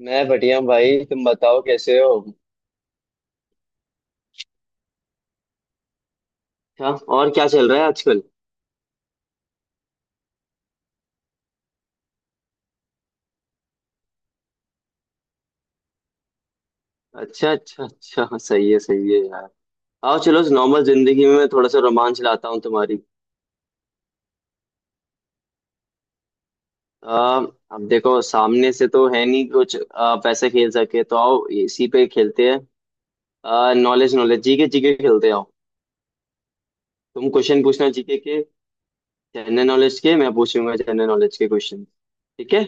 मैं बढ़िया हूँ भाई, तुम बताओ कैसे हो। अच्छा। और क्या चल रहा है आजकल? अच्छा अच्छा अच्छा, हाँ, सही है यार। आओ चलो, इस नॉर्मल जिंदगी में थोड़ा सा रोमांच लाता हूँ तुम्हारी। आ, अब देखो, सामने से तो है नहीं कुछ। पैसे खेल सके तो आओ, इसी पे खेलते हैं। नॉलेज नॉलेज जीके जीके खेलते हैं। आओ, तुम क्वेश्चन पूछना जीके के, जनरल नॉलेज के। मैं पूछूंगा जनरल नॉलेज के क्वेश्चन। ठीक है।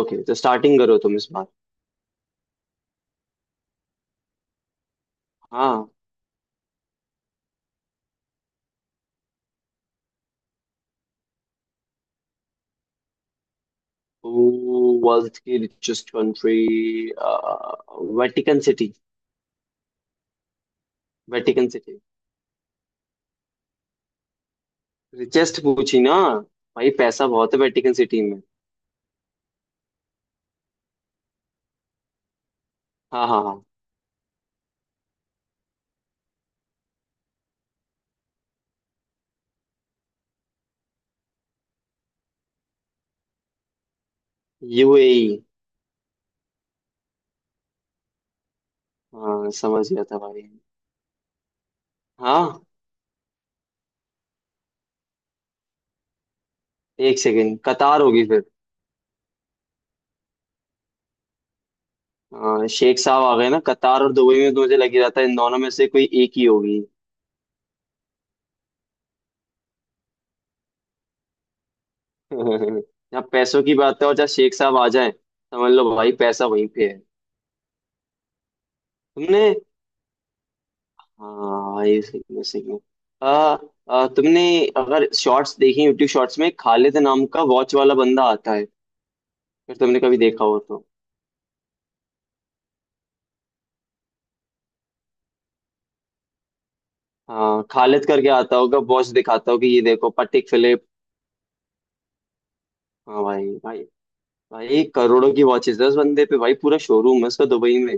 ओके, तो स्टार्टिंग करो तुम इस बार। हाँ। Who was the richest country? Vatican City. Vatican City. Richest पूछी ना। भाई पैसा बहुत है वेटिकन सिटी में। हाँ हाँ हाँ। यूएई। हाँ, समझ गया था भाई। हाँ, एक सेकेंड, कतार होगी फिर। हाँ, शेख साहब आ गए ना, कतार और दुबई में तो मुझे लग ही रहा था, इन दोनों में से कोई एक ही होगी। जहाँ पैसों की बात है और जहाँ शेख साहब आ जाए, समझ लो भाई पैसा वहीं पे है। तुमने हाँ, ये सही है सही है। आ, आ, तुमने, अगर शॉर्ट्स देखी, यूट्यूब शॉर्ट्स में खालिद नाम का वॉच वाला बंदा आता है, अगर तुमने कभी देखा हो तो। हाँ, खालिद करके आता होगा, वॉच दिखाता होगा कि ये देखो पटिक फिलिप। हाँ भाई भाई। भाई करोड़ों की वॉचेस है उस बंदे पे, भाई पूरा शोरूम है उसका दुबई में।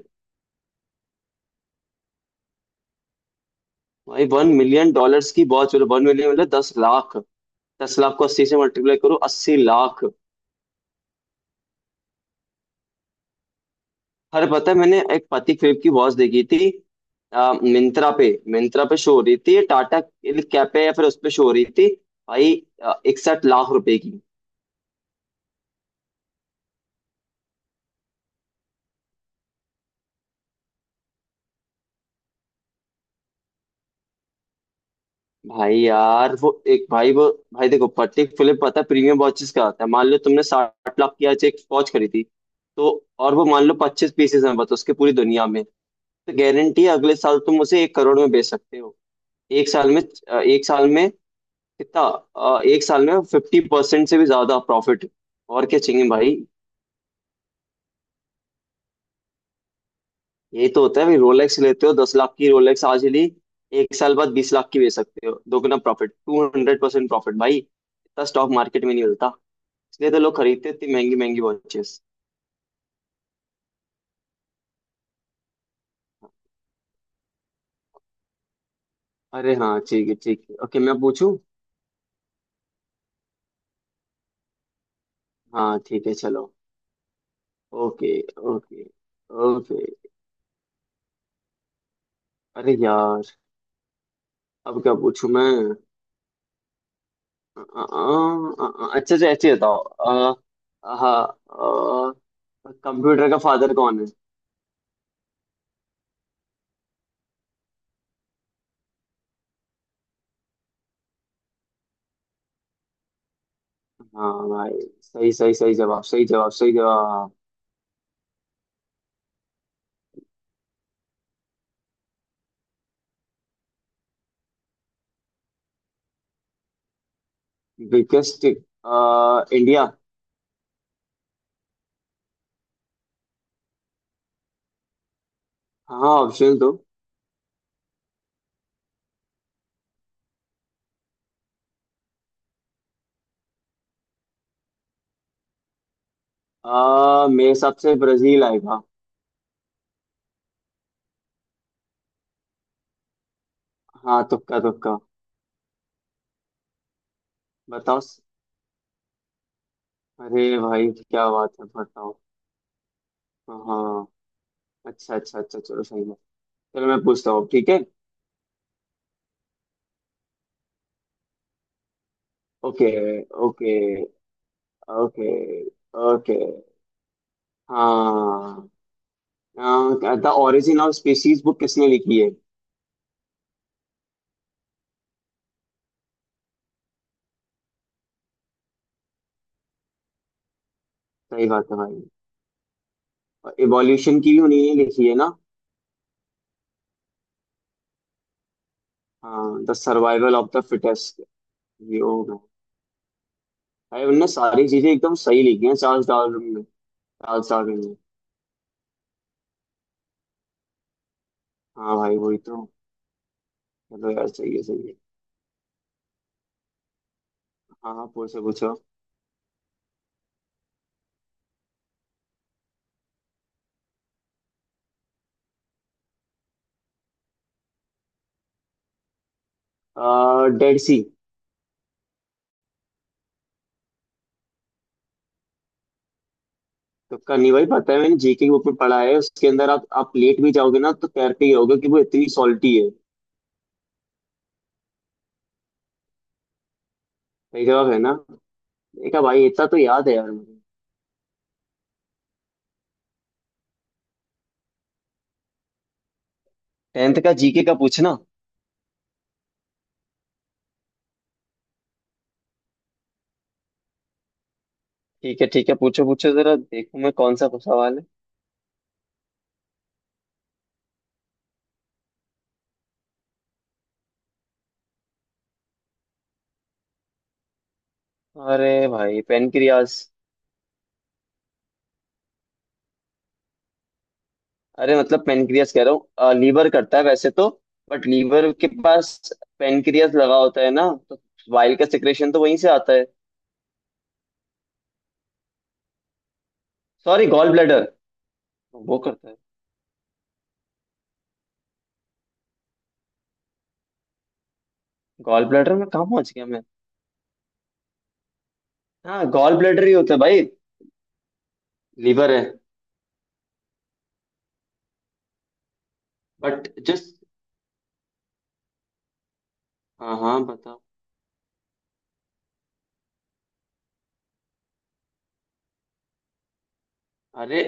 भाई, $1 million की वॉच, मतलब 1 million मतलब 10 लाख। 10 लाख को 80 से मल्टीप्लाई करो, 80 लाख। अरे पता है, मैंने एक पति क्रिप की वॉच देखी थी आ, मिंत्रा पे मिंत्रा पे शो हो रही थी, टाटा कैप पे या फिर उस पे शो हो रही थी, भाई, 61 लाख रुपए की। भाई यार वो एक, भाई वो, भाई देखो, पति फिलिप पता है प्रीमियम वॉचेस का आता है। मान लो तुमने 60 लाख की आज एक वॉच खरीदी थी, तो, और वो मान लो 25 पीसेस हैं बस उसके पूरी दुनिया में, तो गारंटी है अगले साल तुम उसे 1 करोड़ में बेच सकते हो। एक साल में। एक साल में कितना, एक साल में 50% से भी ज्यादा प्रॉफिट। और क्या चाहिए भाई। यही तो होता है भाई, रोलेक्स लेते हो 10 लाख की, रोलेक्स आज ही ली, एक साल बाद 20 लाख की बेच सकते हो, दोगुना प्रॉफिट, 200% प्रॉफिट भाई। इतना स्टॉक मार्केट में नहीं मिलता। इसलिए तो लोग खरीदते हैं इतनी महंगी महंगी वॉचेस। अरे हाँ, ठीक है ठीक है, ओके मैं पूछूं। हाँ ठीक है, चलो। Okay okay okay. अरे यार, अब क्या पूछूं मैं? अ, अ, अच्छा अच्छा ऐसे बताओ। हाँ, कंप्यूटर का फादर कौन है? हाँ भाई, सही सही, सही जवाब सही जवाब सही जवाब। Biggest India. हाँ, ऑप्शन दो। मेरे हिसाब से ब्राजील आएगा। हाँ, तुक्का तुक्का। बताओ। अरे भाई क्या बात है, बताओ। हाँ। अच्छा अच्छा अच्छा, चलो सही है। चलो मैं पूछता हूँ, ठीक है। Okay okay okay okay. हाँ। The origin of species book किसने लिखी है? सही बात है भाई। इवोल्यूशन की भी उन्हीं ने लिखी है ना? हाँ, the survival of the fittest. ये हो गया। भाई उनने सारी चीजें एकदम सही लिखी हैं, चार्ल्स डार्विन ने, चार्ल्स डार्विन ने। हाँ भाई वही तो। चलो यार, सही है सही है। हाँ हाँ, पूछो पूछो। डेड सी। तुक्का नहीं भाई, पता है, मैंने जीके की बुक में पढ़ा है, उसके अंदर आप लेट भी जाओगे ना तो तैर के गिरोगे, कि वो इतनी सॉल्टी है। सही जवाब है ना? देखा भाई, इतना तो याद है यार मुझे। टेंथ का जीके का पूछना। ठीक है ठीक है, पूछो पूछो, जरा देखूं मैं कौन सा सवाल है। अरे भाई, पेनक्रियास। अरे मतलब पेनक्रियास कह रहा हूँ, लीवर करता है वैसे तो, बट लीवर के पास पेनक्रियास लगा होता है ना, तो वाइल का सिक्रेशन तो वहीं से आता है। सॉरी, गॉल ब्लैडर वो करता है। गॉल ब्लैडर में कहाँ पहुंच गया मैं। हाँ, गॉल ब्लैडर ही होता है भाई। लीवर है, बट जस्ट। हाँ हाँ, बताओ। अरे,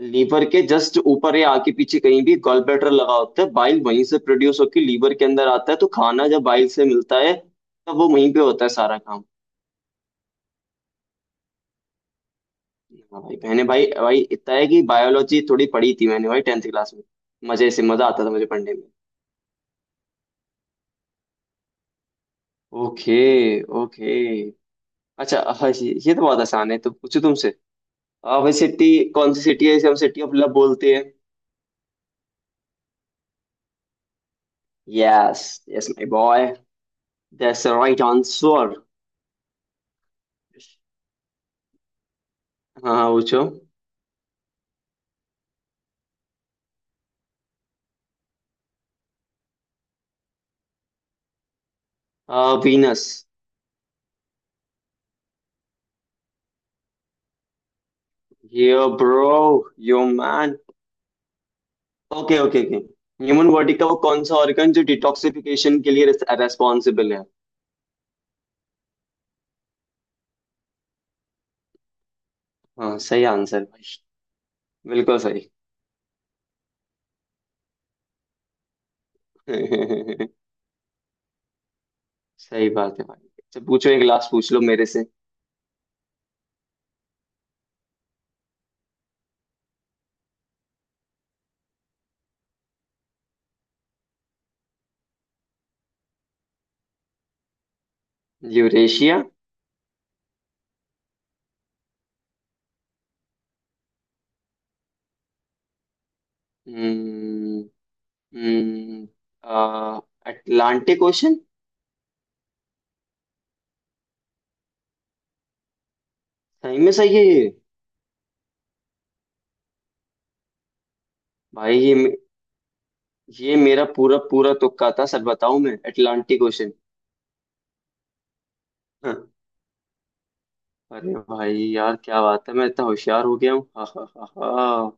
लीवर के जस्ट ऊपर या आगे पीछे कहीं भी गॉल ब्लैडर लगा होता है, बाइल वहीं से प्रोड्यूस होकर लीवर के अंदर आता है, तो खाना जब बाइल से मिलता है तब वो वहीं पे होता है सारा काम। हाँ भाई, मैंने भाई भाई इतना है कि बायोलॉजी थोड़ी पढ़ी थी मैंने, भाई टेंथ क्लास में। मजे से, मजा आता था मुझे पढ़ने में। Okay okay. अच्छा हाँ, ये तो बहुत आसान है, तो पूछो तुमसे। भाई सिटी, कौन सी सिटी है इसे हम सिटी ऑफ लव बोलते हैं? Yes. Yes my boy, that's the right answer. हाँ हाँ, पूछो। Venus. Yo bro, yo man. Okay okay okay. Human body का वो कौन सा ऑर्गन जो डिटॉक्सिफिकेशन के लिए रेस्पॉन्सिबल है? हाँ, सही आंसर भाई, बिल्कुल सही। सही बात है भाई। अच्छा पूछो, एक लास्ट पूछ लो मेरे से। यूरेशिया। हम्म हम्म, आ, अटलांटिक ओशन। सही में सही है ये। भाई ये मेरा पूरा पूरा तुक्का था सर, बताऊं मैं, अटलांटिक ओशन। अरे भाई यार, क्या बात है, मैं इतना होशियार हो गया हूँ, हा हा हा हा।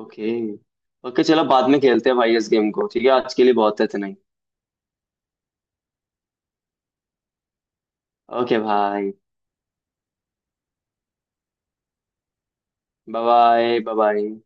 ओके। ओके, चलो बाद में खेलते हैं भाई इस गेम को, ठीक है, आज के लिए बहुत है इतना ही। ओके भाई, बाय बाय बाय।